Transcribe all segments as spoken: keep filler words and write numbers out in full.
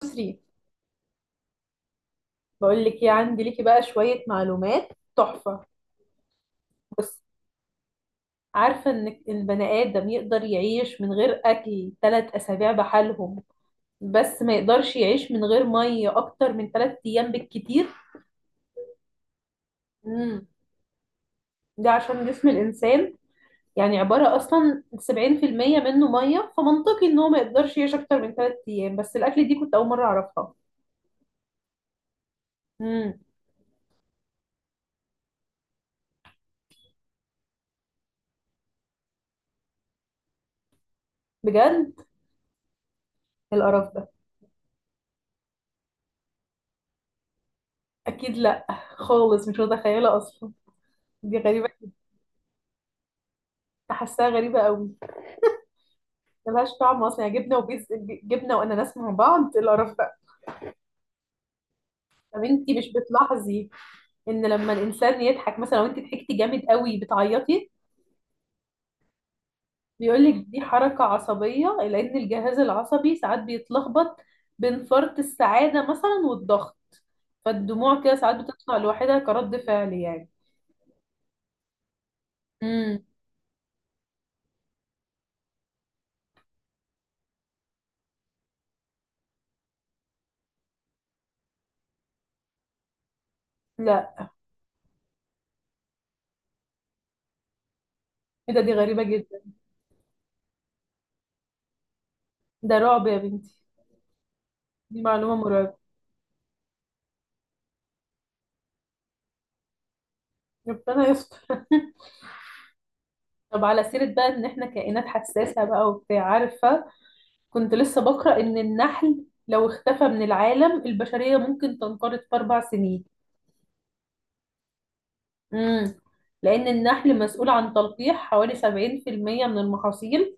بصي، بقول لك ايه. عندي ليكي بقى شوية معلومات تحفة. بص، عارفة ان البني آدم يقدر يعيش من غير أكل ثلاث أسابيع بحالهم، بس ما يقدرش يعيش من غير مية أكتر من ثلاث أيام بالكتير. امم ده عشان جسم الإنسان يعني عبارة أصلا سبعين في المية منه مية، فمنطقي إن هو ما يقدرش يعيش أكتر من ثلاث أيام، بس الأكل دي كنت أول مرة أعرفها. امم بجد؟ القرف ده. أكيد لأ، خالص مش متخيلة أصلا. دي غريبة، حاساها غريبة أوي، ملهاش طعم اصلا. يعني جبنه وبيز، جبنه واناناس مع بعض؟ إيه القرف ده. طب انت مش بتلاحظي ان لما الانسان يضحك مثلا، لو انت ضحكتي جامد قوي بتعيطي. بيقول لك دي حركه عصبيه لان الجهاز العصبي ساعات بيتلخبط بين فرط السعاده مثلا والضغط، فالدموع كده ساعات بتطلع لوحدها كرد فعل يعني. امم لا، ايه ده؟ دي غريبه جدا. ده رعب يا بنتي، دي معلومه مرعبه. ربنا يستر. طب على سيرة بقى ان احنا كائنات حساسة بقى وبتاع، عارفة، كنت لسه بقرأ إن النحل لو اختفى من العالم البشرية ممكن تنقرض في أربع سنين. امم لأن النحل مسؤول عن تلقيح حوالي سبعين في المية من المحاصيل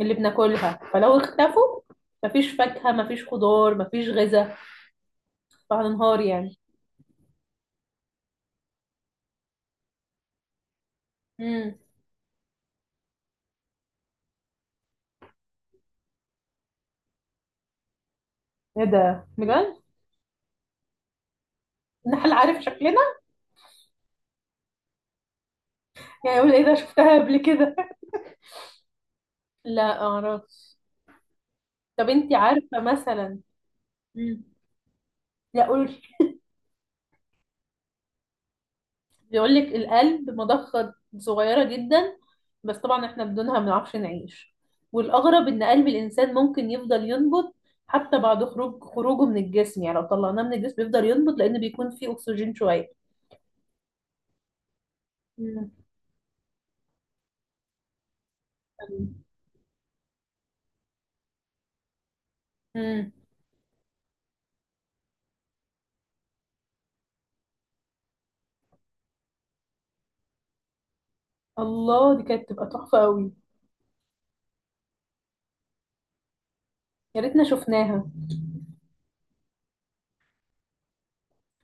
اللي بناكلها، فلو اختفوا مفيش فاكهة مفيش خضار مفيش غذاء، فهننهار يعني. امم ايه ده، بجد؟ النحل عارف شكلنا؟ يعني يقول ايه ده شفتها قبل كده. لا اعرفش. طب انتي عارفة مثلا. امم لا، قولي. بيقول لك القلب مضخة صغيرة جدا، بس طبعا احنا بدونها ما بنعرفش نعيش. والأغرب إن قلب الإنسان ممكن يفضل ينبض حتى بعد خروج خروجه من الجسم. يعني لو طلعناه من الجسم يفضل ينبض لأن بيكون فيه أكسجين شوية. مم. مم. الله، دي كانت تبقى تحفة قوي. يا ريتنا شفناها،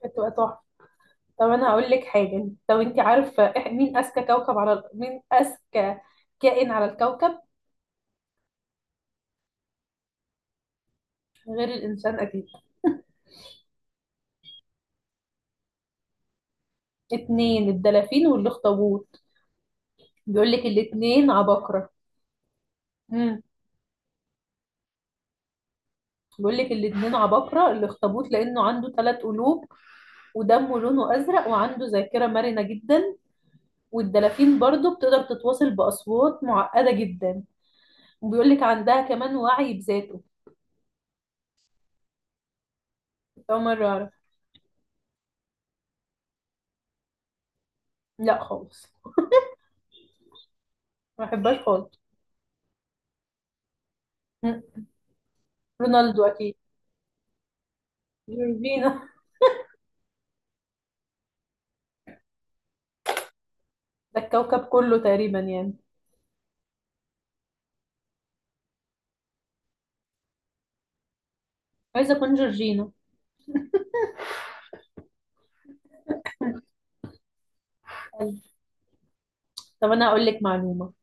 كانت تبقى تحفة. طب أنا هقول لك حاجة. طب أنت عارفة إح- مين أذكى كوكب على ال- مين أذكى كائن على الكوكب غير الإنسان أكيد؟ اتنين، الدلافين والأخطبوط. بيقول لك الاتنين عباقرة. امم بيقول لك الاتنين عباقرة. الاخطبوط لأنه عنده ثلاث قلوب ودمه لونه أزرق وعنده ذاكرة مرنة جدا، والدلافين برضه بتقدر تتواصل بأصوات معقدة جدا، وبيقول لك عندها كمان وعي بذاته. أول مرة أعرف. لا خالص، ما بحبهاش خالص. مم. رونالدو أكيد، جورجينا. ده الكوكب كله تقريبا يعني. عايزة أكون جورجينا. طب أنا أقول لك معلومة.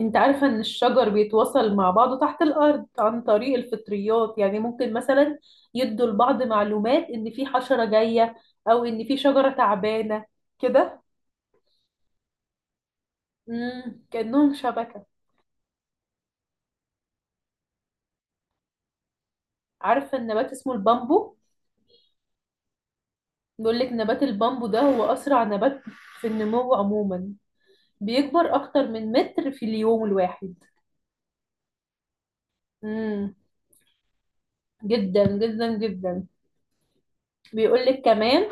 انت عارفة ان الشجر بيتواصل مع بعضه تحت الارض عن طريق الفطريات؟ يعني ممكن مثلا يدوا لبعض معلومات ان في حشرة جاية او ان في شجرة تعبانة، كده. امم كأنهم شبكة. عارفة النبات اسمه البامبو؟ بيقول لك نبات البامبو ده هو اسرع نبات في النمو عموما، بيكبر اكتر من متر في اليوم الواحد. امم جدا جدا جدا. بيقول لك كمان،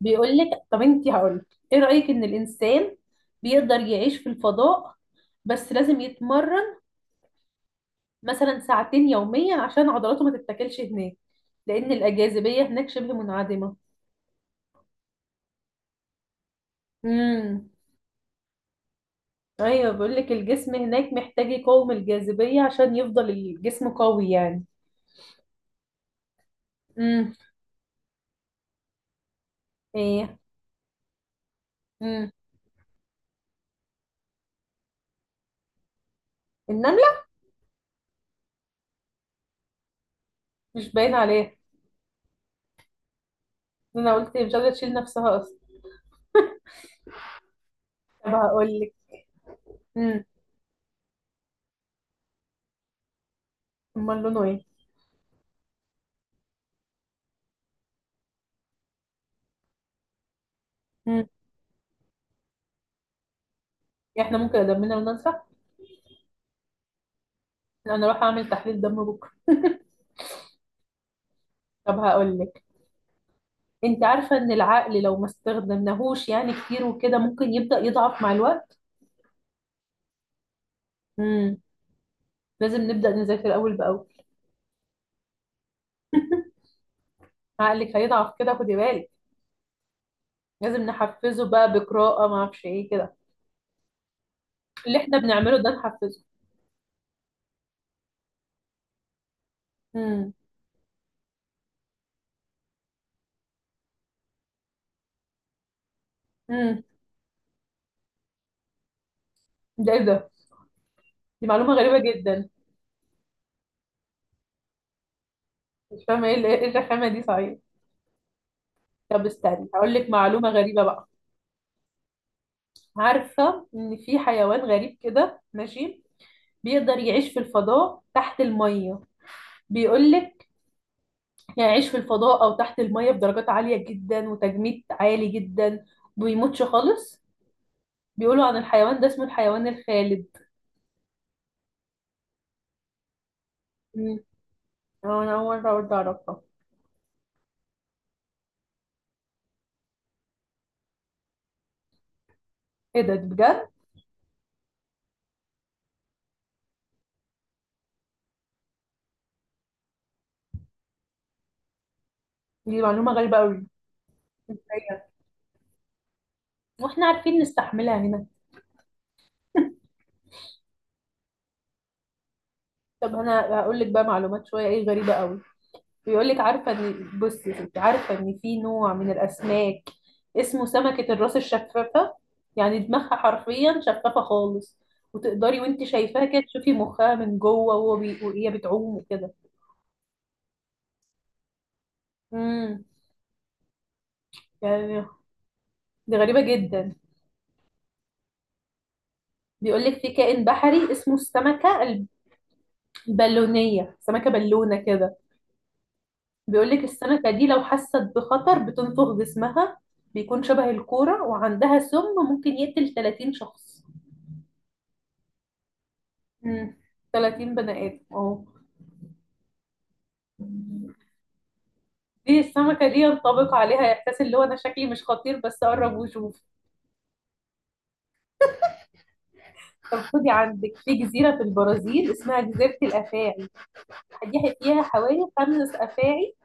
بيقول لك، طب انت، هقول ايه رأيك ان الانسان بيقدر يعيش في الفضاء بس لازم يتمرن مثلا ساعتين يوميا عشان عضلاته ما تتاكلش هناك، لان الجاذبية هناك شبه منعدمة. امم ايوه، بيقول لك الجسم هناك محتاج يقاوم الجاذبية عشان يفضل الجسم قوي يعني. امم ايه. امم النملة مش باين عليها. انا قلت مش قادرة تشيل نفسها اصلا. طب هقول لك. امم امال لونه ايه؟ امم احنا ممكن دمنا وننسى. انا اروح اعمل تحليل دم بكره. طب هقول لك، انت عارفه ان العقل لو ما استخدمناهوش يعني كتير وكده ممكن يبدا يضعف مع الوقت. امم لازم نبدا نذاكر اول باول. عقلك هيضعف كده، خدي بالك. لازم نحفزه بقى بقراءه، ما اعرفش ايه كده، اللي احنا بنعمله ده نحفزه. امم امم ده ايه ده؟ دي معلومه غريبه جدا. مش فاهمه ايه ال- ايه الرخامه دي صحيح. طب استني هقول لك معلومه غريبه بقى. عارفه ان في حيوان غريب كده ماشي بيقدر يعيش في الفضاء تحت الميه؟ بيقول لك يعني يعيش في الفضاء أو تحت المية بدرجات عالية جدا وتجميد عالي جدا، بيموتش خالص. بيقولوا عن الحيوان ده اسمه الحيوان الخالد. مم. أه، أنا أول مرة برضه أعرفها. إيه ده بجد؟ دي معلومة غريبة أوي. إزاي يعني؟ وإحنا عارفين نستحملها هنا. طب أنا هقول لك بقى معلومات شوية إيه غريبة أوي. بيقول لك، عارفه ان، بصي يا ستي، عارفه ان في نوع من الاسماك اسمه سمكه الراس الشفافه. يعني دماغها حرفيا شفافه خالص، وتقدري وانت شايفاها كده تشوفي مخها من جوه وهو بي... وهي بتعوم وكده. امم يعني دي غريبه جدا. بيقول لك في كائن بحري اسمه السمكه البالونيه، سمكه بالونه كده. بيقول لك السمكه دي لو حست بخطر بتنفخ جسمها، بيكون شبه الكوره، وعندها سم ممكن يقتل ثلاثين شخص. مم. ثلاثين بني آدم، اه. دي السمكة دي ينطبق عليها إحساس اللي هو أنا شكلي مش خطير بس قرب وشوف. طب خدي عندك، في جزيرة في البرازيل اسمها جزيرة الأفاعي، دي فيها حوالي خمس أفاعي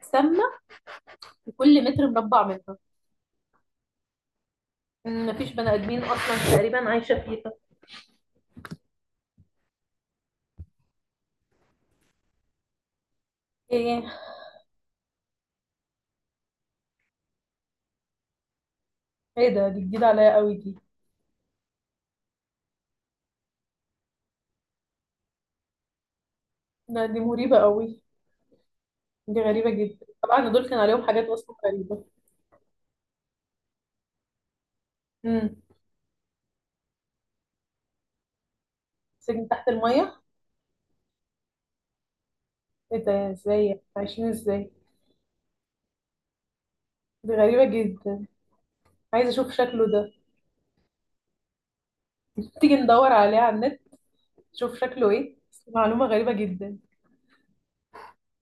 سامة في كل متر مربع منها. مم، مفيش بني آدمين أصلا تقريبا عايشة فيها. إيه إيه ده، دي جديدة عليا قوي دي. لا دي مريبة قوي، دي غريبة جدا. طبعا دول كان عليهم حاجات أصلا غريبة. امم سجن تحت المية؟ إيه ده، إزاي يعني؟ عايشين إزاي؟ دي غريبة جدا. عايزة أشوف شكله ده. تيجي ندور عليه على النت، نشوف شكله إيه، بس معلومة غريبة جدا.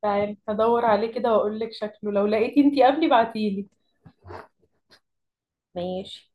تعالي هدور عليه كده وأقول لك شكله. لو لقيتي أنتي قبلي بعتيلي. ماشي.